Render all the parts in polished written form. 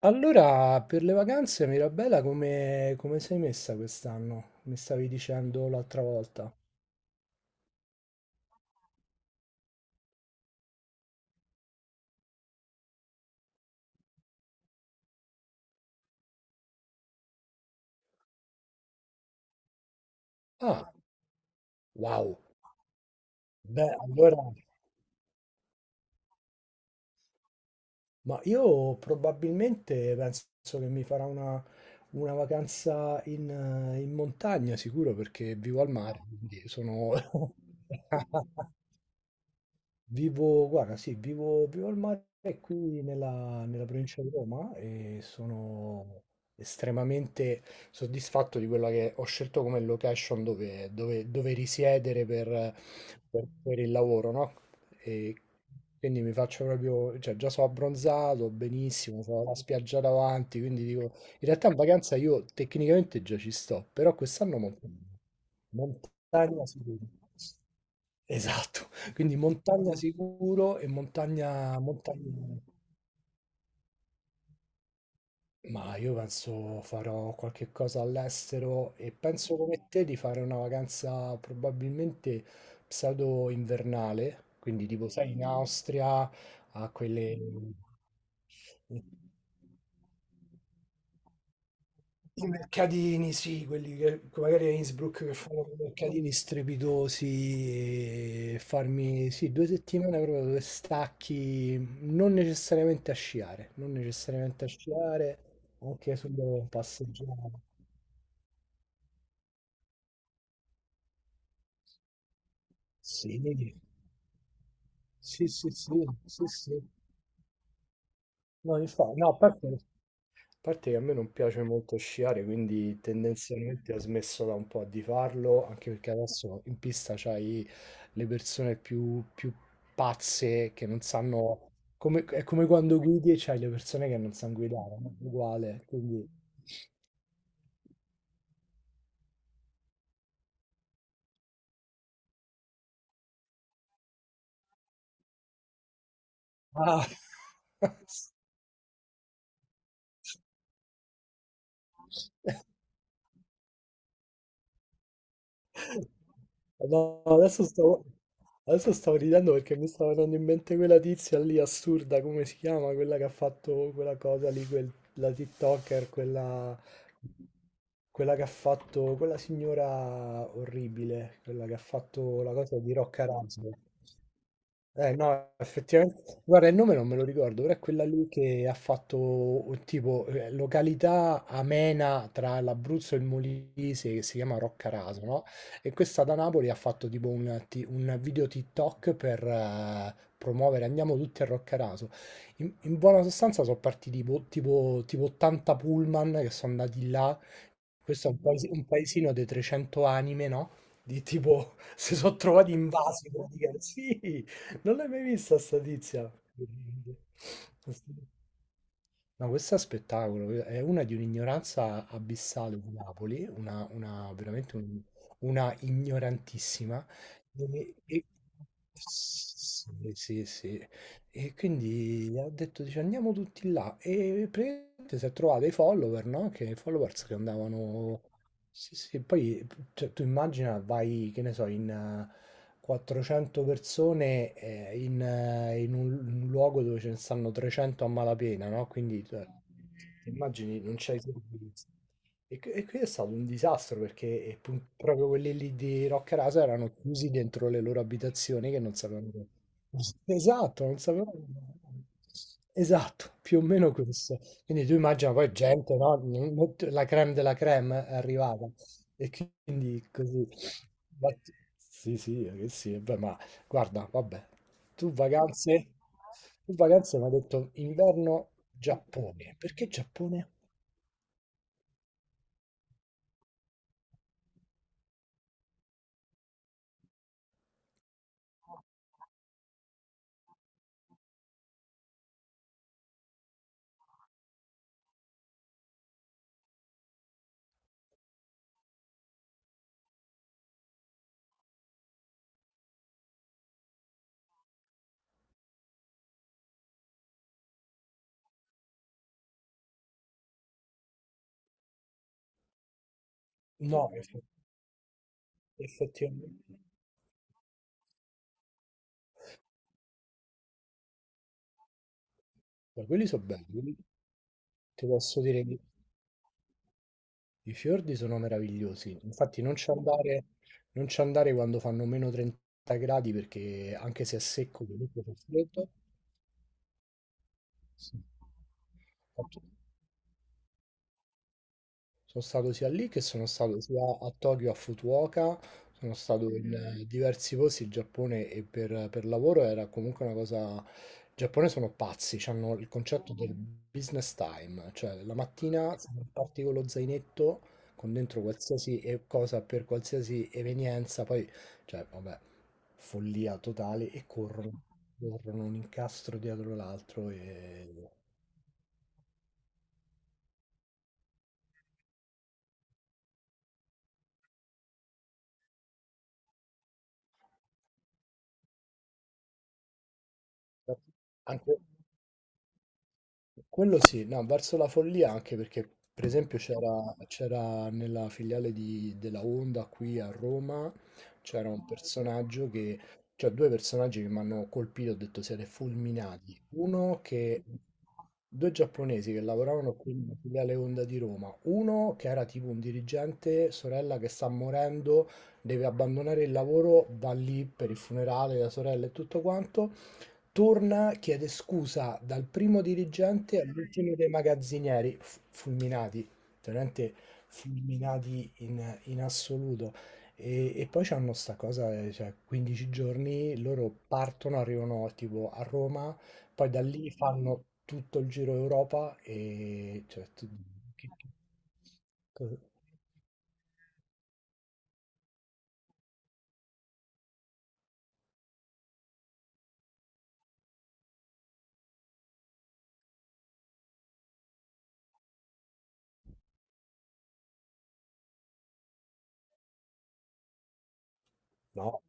Allora, per le vacanze, Mirabella, come sei messa quest'anno? Mi stavi dicendo l'altra volta. Ah, wow. Beh, allora, ma io probabilmente penso che mi farà una vacanza in, in montagna, sicuro, perché vivo al mare, quindi sono... Vivo, guarda, sì, vivo al mare qui nella, nella provincia di Roma e sono estremamente soddisfatto di quella che ho scelto come location dove risiedere per, per il lavoro, no? E quindi mi faccio proprio, cioè già sono abbronzato, benissimo, ho la spiaggia davanti, quindi dico, in realtà in vacanza io tecnicamente già ci sto, però quest'anno montagna, montagna sicuro. Esatto, quindi montagna sicuro e montagna montagna ma io penso farò qualche cosa all'estero e penso come te di fare una vacanza probabilmente pseudo invernale, quindi tipo sai in Austria a quelle I mercatini, sì, quelli che magari a Innsbruck che fanno quei mercatini strepitosi, e farmi sì, due settimane proprio dove stacchi, non necessariamente a sciare, non necessariamente a sciare, anche solo passeggiare. Sì, sì, sì, sì, sì, sì. No, infatti, no, a parte A parte che a me non piace molto sciare, quindi tendenzialmente ho smesso da un po' di farlo, anche perché adesso in pista c'hai le persone più pazze che non sanno... come- è come quando guidi e c'hai le persone che non sanno guidare, no? Uguale, quindi... Ah. No, adesso stavo ridendo perché mi stava venendo in mente quella tizia lì assurda, come si chiama? Quella che ha fatto quella cosa lì, quel- la TikToker, quella, quella che ha fatto, quella signora orribile, quella che ha fatto la cosa di Rocca Raso. Eh no, effettivamente. Guarda, il nome non me lo ricordo, però è quella lì che ha fatto un tipo località amena tra l'Abruzzo e il Molise che si chiama Roccaraso, no? E questa da Napoli ha fatto tipo un, un video TikTok per promuovere andiamo tutti a Roccaraso. In buona sostanza sono partiti tipo 80 pullman che sono andati là. Questo è un, un paesino di 300 anime, no? Di tipo si sono trovati invasi praticamente. Sì. Non l'hai mai vista sta tizia? No, questo è spettacolo, è una di un'ignoranza abissale di Napoli, veramente un- una ignorantissima. E- sì, sì, sì. E quindi ho detto, dice, andiamo tutti là. E praticamente si è trovato i follower, no? Che i followers che andavano... Sì, sì, poi cioè, tu immagina, vai, che ne so, in 400 persone in, in un luogo dove ce ne stanno 300 a malapena, no? Quindi, cioè, ti immagini, non c'hai servizi. E, que- e qui è stato un disastro perché proprio quelli lì di Rocca Rasa erano chiusi dentro le loro abitazioni che non sapevano. Esatto, non sapevano. Esatto, più o meno questo. Quindi tu immagina poi gente, no? Non- non- La creme della creme è arrivata. E quindi così. Ma- Sì, sì, che sì, beh, ma guarda, vabbè, tu vacanze, tu vacanze mi hai detto inverno Giappone, perché Giappone? No, Effettivamente. Beh, quelli sono belli, quelli- ti posso dire che i fiordi sono meravigliosi. Infatti non ci andare, non ci andare quando fanno meno 30 gradi perché anche se è secco comunque fa freddo. Sì. Sono stato sia lì che sono stato sia a Tokyo, a Fukuoka, sono stato in Mm. diversi posti in Giappone e per lavoro era comunque una cosa... In Giappone sono pazzi, hanno il concetto del business time, cioè la mattina se non parti con lo zainetto, con dentro qualsiasi cosa per qualsiasi evenienza, poi, cioè, vabbè, follia totale e corrono, corrono un incastro dietro l'altro e... Anche... Quello sì, no, verso la follia anche perché per esempio c'era nella filiale della Honda qui a Roma, c'era un personaggio che, cioè due personaggi che mi hanno colpito, ho detto siete fulminati. Uno che, due giapponesi che lavoravano qui nella filiale Honda di Roma, uno che era tipo un dirigente, sorella che sta morendo, deve abbandonare il lavoro, va lì per il funerale della sorella e tutto quanto. Torna, chiede scusa dal primo dirigente all'ultimo dei magazzinieri, fulminati, veramente fulminati in, in assoluto. E poi c'hanno sta cosa, cioè 15 giorni, loro partono, arrivano tipo a Roma, poi da lì fanno tutto il giro Europa e cioè, tu- che- che- cosa- no,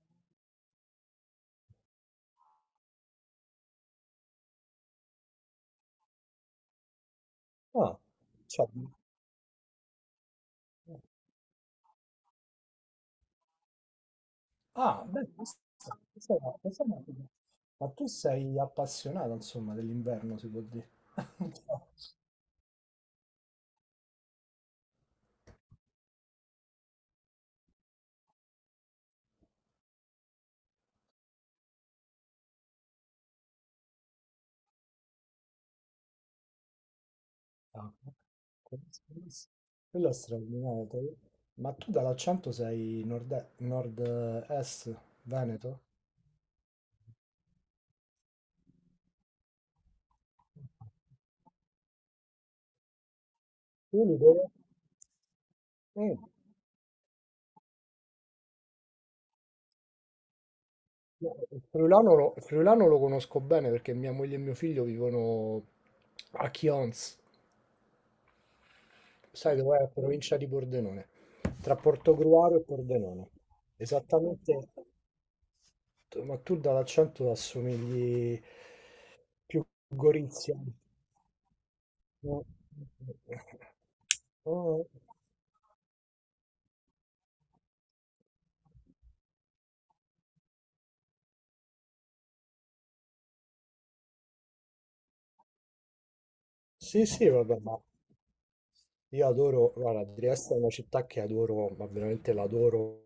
ah, cioè, Ah, beh, questa- questa è una cosa. Ma tu sei appassionato, insomma, dell'inverno, si può dire. Ah, quello quello è straordinario. Te- Ma tu dall'accento sei nord, nord-est, Veneto? Io li devo- Mm. Il friulano lo conosco bene perché mia moglie e mio figlio vivono a Chions. Sai dov'è? La provincia di Pordenone, tra Portogruaro e Pordenone. Esattamente, tu- ma tu dall'accento assomigli più Gorizia. No. Oh. Sì, sì, vabbè, ma io adoro, guarda, Trieste è una città che adoro, ma veramente l'adoro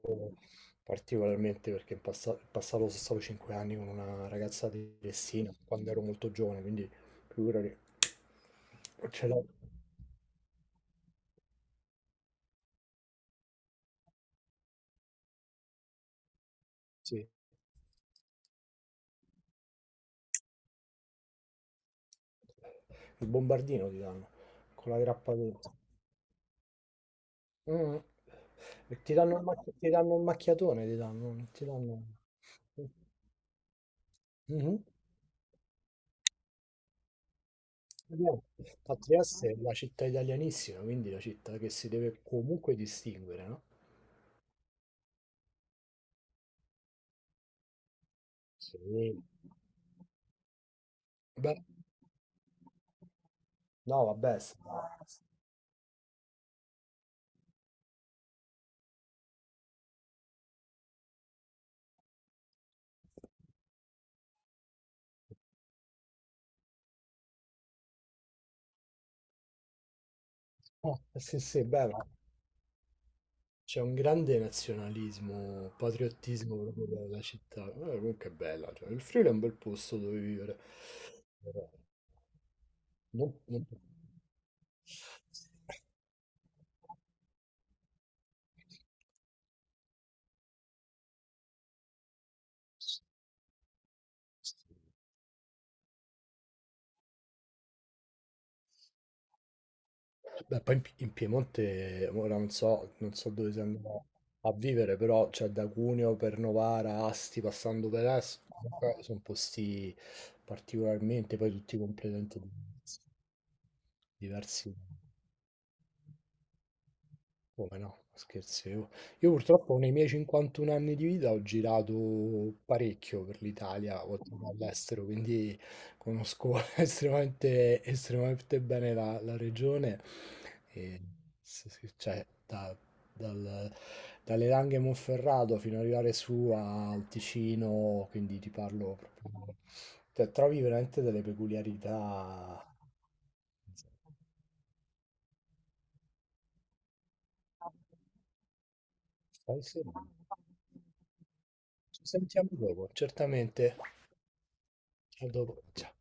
particolarmente perché in, passa- in passato sono stato 5 anni con una ragazza di Messina quando ero molto giovane, quindi figurati, ce l'ho, sì, il bombardino ti danno con la grappa dentro. Mm. E ti danno il, ti danno il macchiatone, ti danno, non ti danno... Mhm. Vabbè, a Trieste è la città italianissima, quindi la città che si deve comunque distinguere, no? Sì. Beh, no, vabbè, s- ah, sì, sì, beh, ma c'è un grande nazionalismo, patriottismo proprio della città. Comunque è bella, cioè, il Friuli è un bel posto dove vivere. Però non- non- Beh, poi in, in Piemonte, ora non so, non so dove si andrà a vivere, però cioè, da Cuneo per Novara, Asti, passando per Es, comunque sono posti particolarmente, poi tutti completamente diversi. Diversi. Come no, scherzi. Io purtroppo nei miei 51 anni di vita ho girato parecchio per l'Italia, oltre che all'estero, quindi conosco estremamente, estremamente bene la, la regione. E s- s- cioè, da- dal- dalle Langhe Monferrato fino ad arrivare su al Ticino, quindi ti parlo proprio... Cioè, trovi veramente delle peculiarità. Stai sereno. Ci sentiamo dopo, certamente. A dopo. Ciao.